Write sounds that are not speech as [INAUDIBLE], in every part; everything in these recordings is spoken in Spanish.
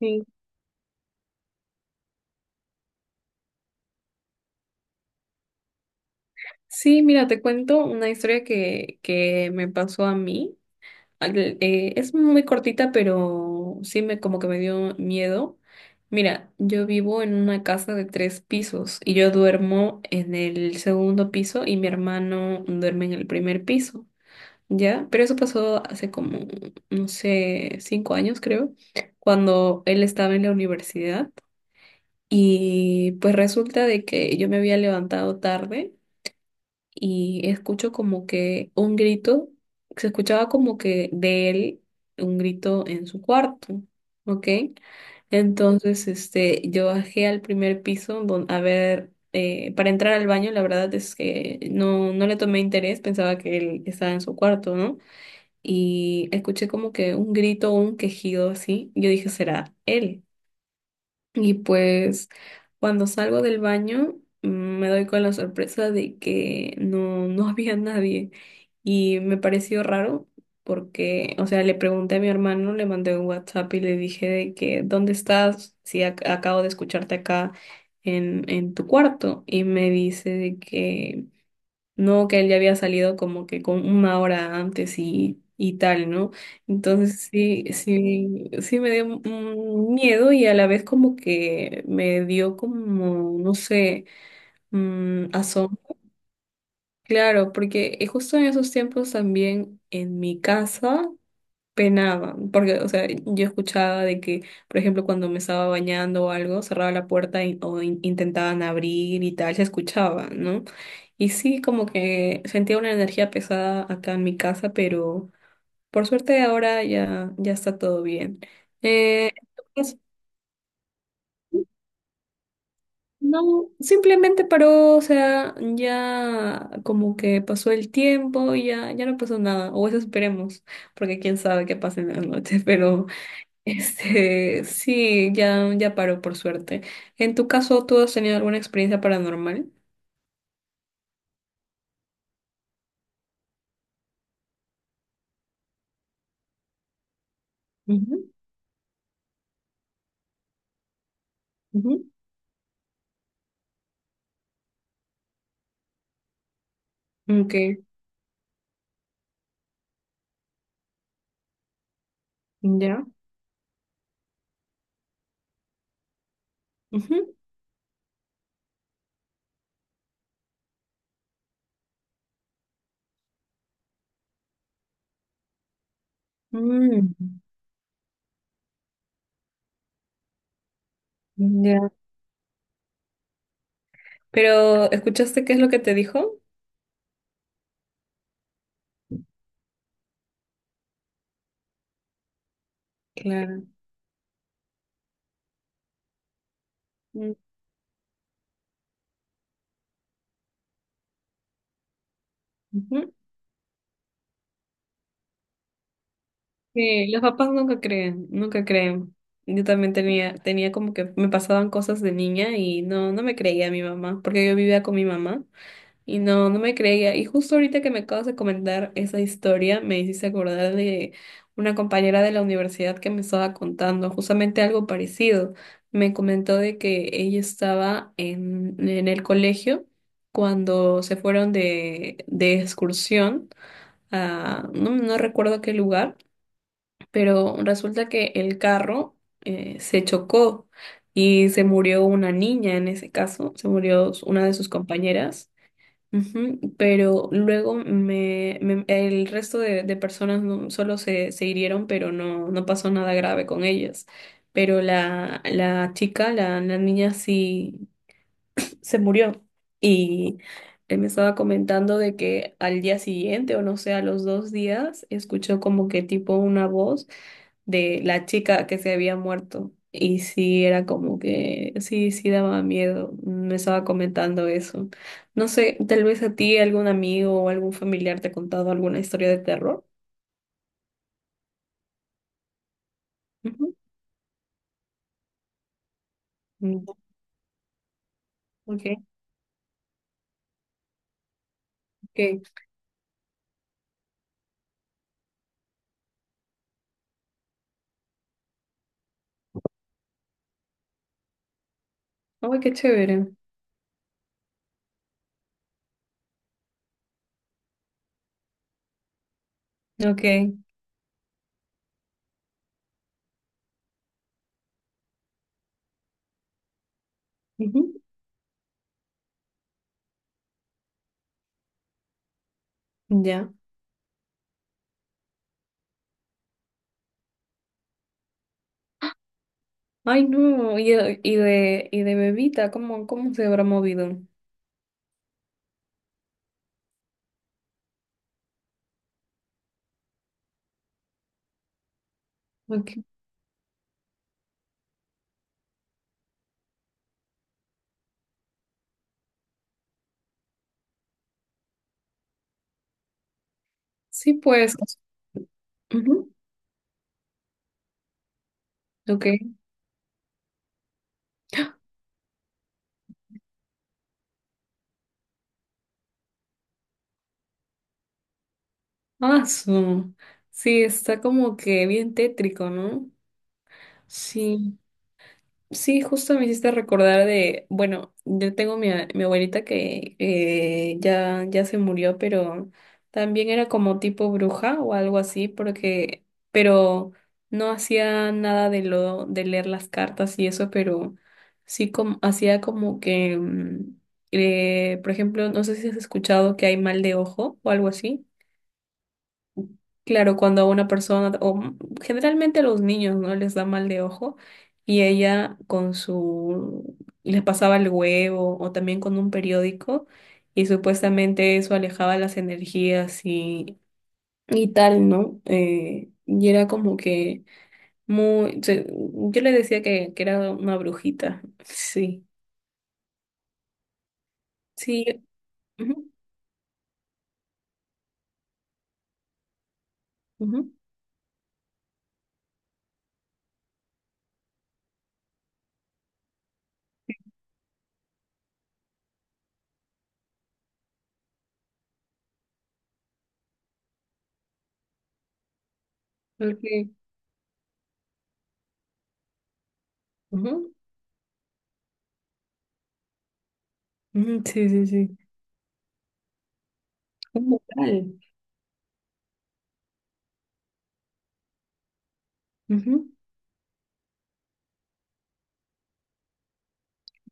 Sí, sí, mira, te cuento una historia que me pasó a mí. Es muy cortita, pero sí me como que me dio miedo. Mira, yo vivo en una casa de tres pisos y yo duermo en el segundo piso y mi hermano duerme en el primer piso, ¿ya? Pero eso pasó hace como, no sé, 5 años creo, cuando él estaba en la universidad y pues resulta de que yo me había levantado tarde y escucho como que un grito, se escuchaba como que de él un grito en su cuarto, ¿ok? Entonces, este, yo bajé al primer piso, a ver, para entrar al baño. La verdad es que no le tomé interés, pensaba que él estaba en su cuarto, ¿no? Y escuché como que un grito, un quejido así, yo dije, será él. Y pues cuando salgo del baño, me doy con la sorpresa de que no [LAUGHS] había nadie, y me pareció raro porque, o sea, le pregunté a mi hermano, le mandé un WhatsApp y le dije de que, ¿dónde estás? Si acabo de escucharte acá en tu cuarto, y me dice de que no, que él ya había salido como que con una hora antes y tal, ¿no? Entonces sí, sí, sí me dio, miedo, y a la vez como que me dio como, no sé, asombro. Claro, porque, justo en esos tiempos también en mi casa penaba, porque, o sea, yo escuchaba de que, por ejemplo, cuando me estaba bañando o algo, cerraba la puerta, intentaban abrir y tal, se escuchaba, ¿no? Y sí, como que sentía una energía pesada acá en mi casa, pero por suerte ahora ya, ya está todo bien. Eh, pues, no, simplemente paró, o sea, ya como que pasó el tiempo y ya, ya no pasó nada, o eso esperemos, porque quién sabe qué pasa en la noche, [LAUGHS] pero... Sí, ya, ya paró por suerte. En tu caso, ¿tú has tenido alguna experiencia paranormal? Ujú, ujú. Ok, ya. Ujú. Mm, ya. Pero, ¿escuchaste qué es lo que te dijo? Claro. Mm, ujú. Sí, los papás nunca creen, nunca creen. Yo también tenía, como que me pasaban cosas de niña, y no me creía a mi mamá, porque yo vivía con mi mamá. Y no me creía. Y justo ahorita que me acabas de comentar esa historia, me hiciste acordar de una compañera de la universidad que me estaba contando justamente algo parecido. Me comentó de que ella estaba en el colegio cuando se fueron de excursión a, no recuerdo qué lugar, pero resulta que el carro, se chocó y se murió una niña en ese caso, se murió una de sus compañeras. Ujú. Pero luego el resto de personas, solo se hirieron, pero no pasó nada grave con ellas. Pero la chica, la niña sí se murió. Y él me estaba comentando de que al día siguiente, o no sé, a los 2 días, escuchó como que tipo una voz de la chica que se había muerto. Y sí, era como que, sí, sí daba miedo. Me estaba comentando eso. No sé, tal vez a ti algún amigo o algún familiar te ha contado alguna historia de terror. Ujú. Mm, ok, ok. Ay, qué chévere. Ok. Ujú, ya. Ay, no. Y de bebita, ¿cómo se habrá movido? Ok. Sí, pues. Ujú, ok. Ah, su. Sí, está como que bien tétrico, ¿no? Sí, sí, justo me hiciste recordar de, bueno, yo tengo mi abuelita que, ya, ya se murió, pero también era como tipo bruja o algo así, porque, pero no hacía nada de de leer las cartas y eso, pero sí como, hacía como que, por ejemplo, no sé si has escuchado que hay mal de ojo o algo así. Claro, cuando a una persona, generalmente a los niños, ¿no? Les da mal de ojo y ella con su, les pasaba el huevo o también con un periódico y supuestamente eso alejaba las energías y tal, ¿no? Y era como que muy, yo le decía que, era una brujita. [LAUGHS] Sí, sí, ujú, ujú, ok, ujú, ujú, sí, sí, sí, un mortal, ujú,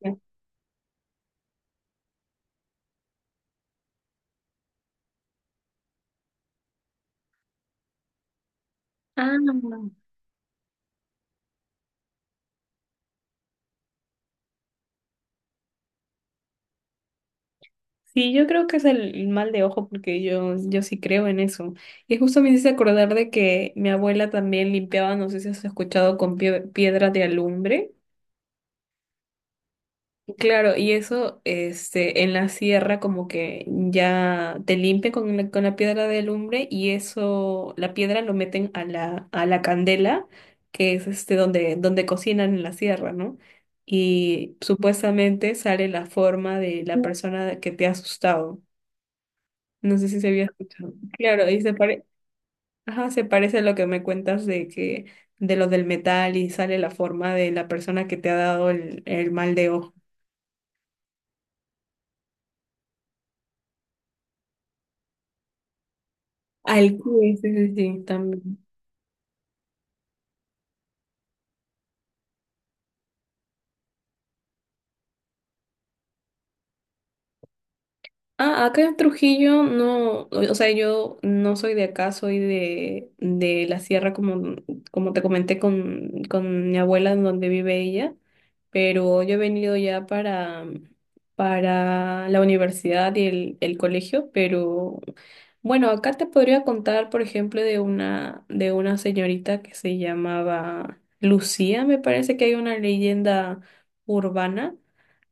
ya. Ah, sí, yo creo que es el mal de ojo porque yo sí creo en eso. Y justo me hice acordar de que mi abuela también limpiaba, no sé si has escuchado, con piedra de alumbre. Claro, y eso, en la sierra como que ya te limpia con la piedra de alumbre, y eso, la piedra lo meten a la candela, que es donde cocinan en la sierra, ¿no? Y supuestamente sale la forma de la persona que te ha asustado. No sé si se había escuchado. Claro, y se pare. Ajá, se parece a lo que me cuentas de que, de lo del metal, y sale la forma de la persona que te ha dado el mal de ojo. Al Sí, sí, sí, sí, también. Ah, acá en Trujillo no, o sea, yo no soy de acá, soy de la sierra, como te comenté con mi abuela, en donde vive ella, pero yo he venido ya para la universidad y el colegio, pero bueno, acá te podría contar, por ejemplo, de una señorita que se llamaba Lucía. Me parece que hay una leyenda urbana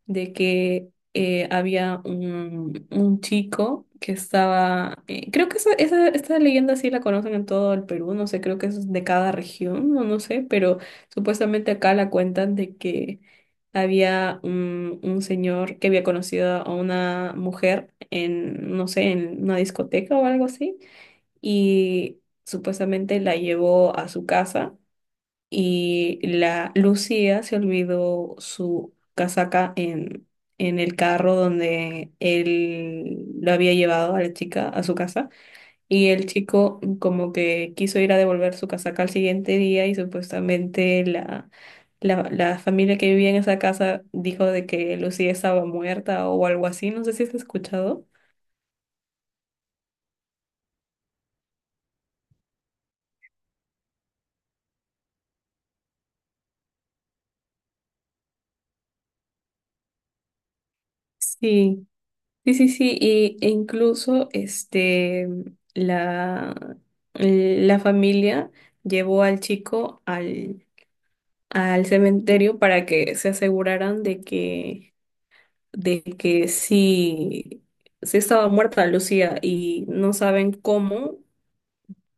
de que, había un chico que estaba, creo que esta leyenda sí la conocen en todo el Perú, no sé, creo que es de cada región, no sé, pero supuestamente acá la cuentan de que había un señor que había conocido a una mujer en, no sé, en una discoteca o algo así, y supuestamente la llevó a su casa y la Lucía se olvidó su casaca en el carro donde él lo había llevado a la chica a su casa, y el chico como que quiso ir a devolver su casaca al siguiente día, y supuestamente la familia que vivía en esa casa dijo de que Lucía estaba muerta o algo así, no sé si has escuchado. Sí. Sí, sí, sí, e incluso, la, la familia llevó al chico al cementerio para que se aseguraran de que sí, sí estaba muerta Lucía, y no saben cómo,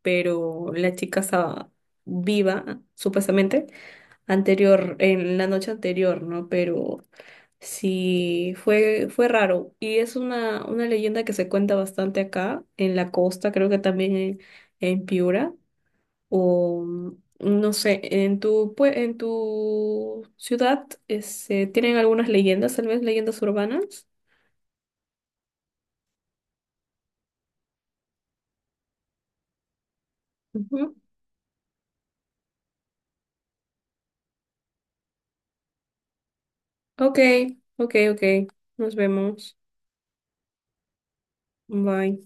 pero la chica estaba viva, supuestamente, anterior, en la noche anterior, ¿no? Pero sí, fue raro. Y es una leyenda que se cuenta bastante acá, en la costa, creo que también en Piura, o no sé, en tu ciudad. ¿Tienen algunas leyendas, tal vez leyendas urbanas? Ujú. Ok, ok, ok. Nos vemos. Bye.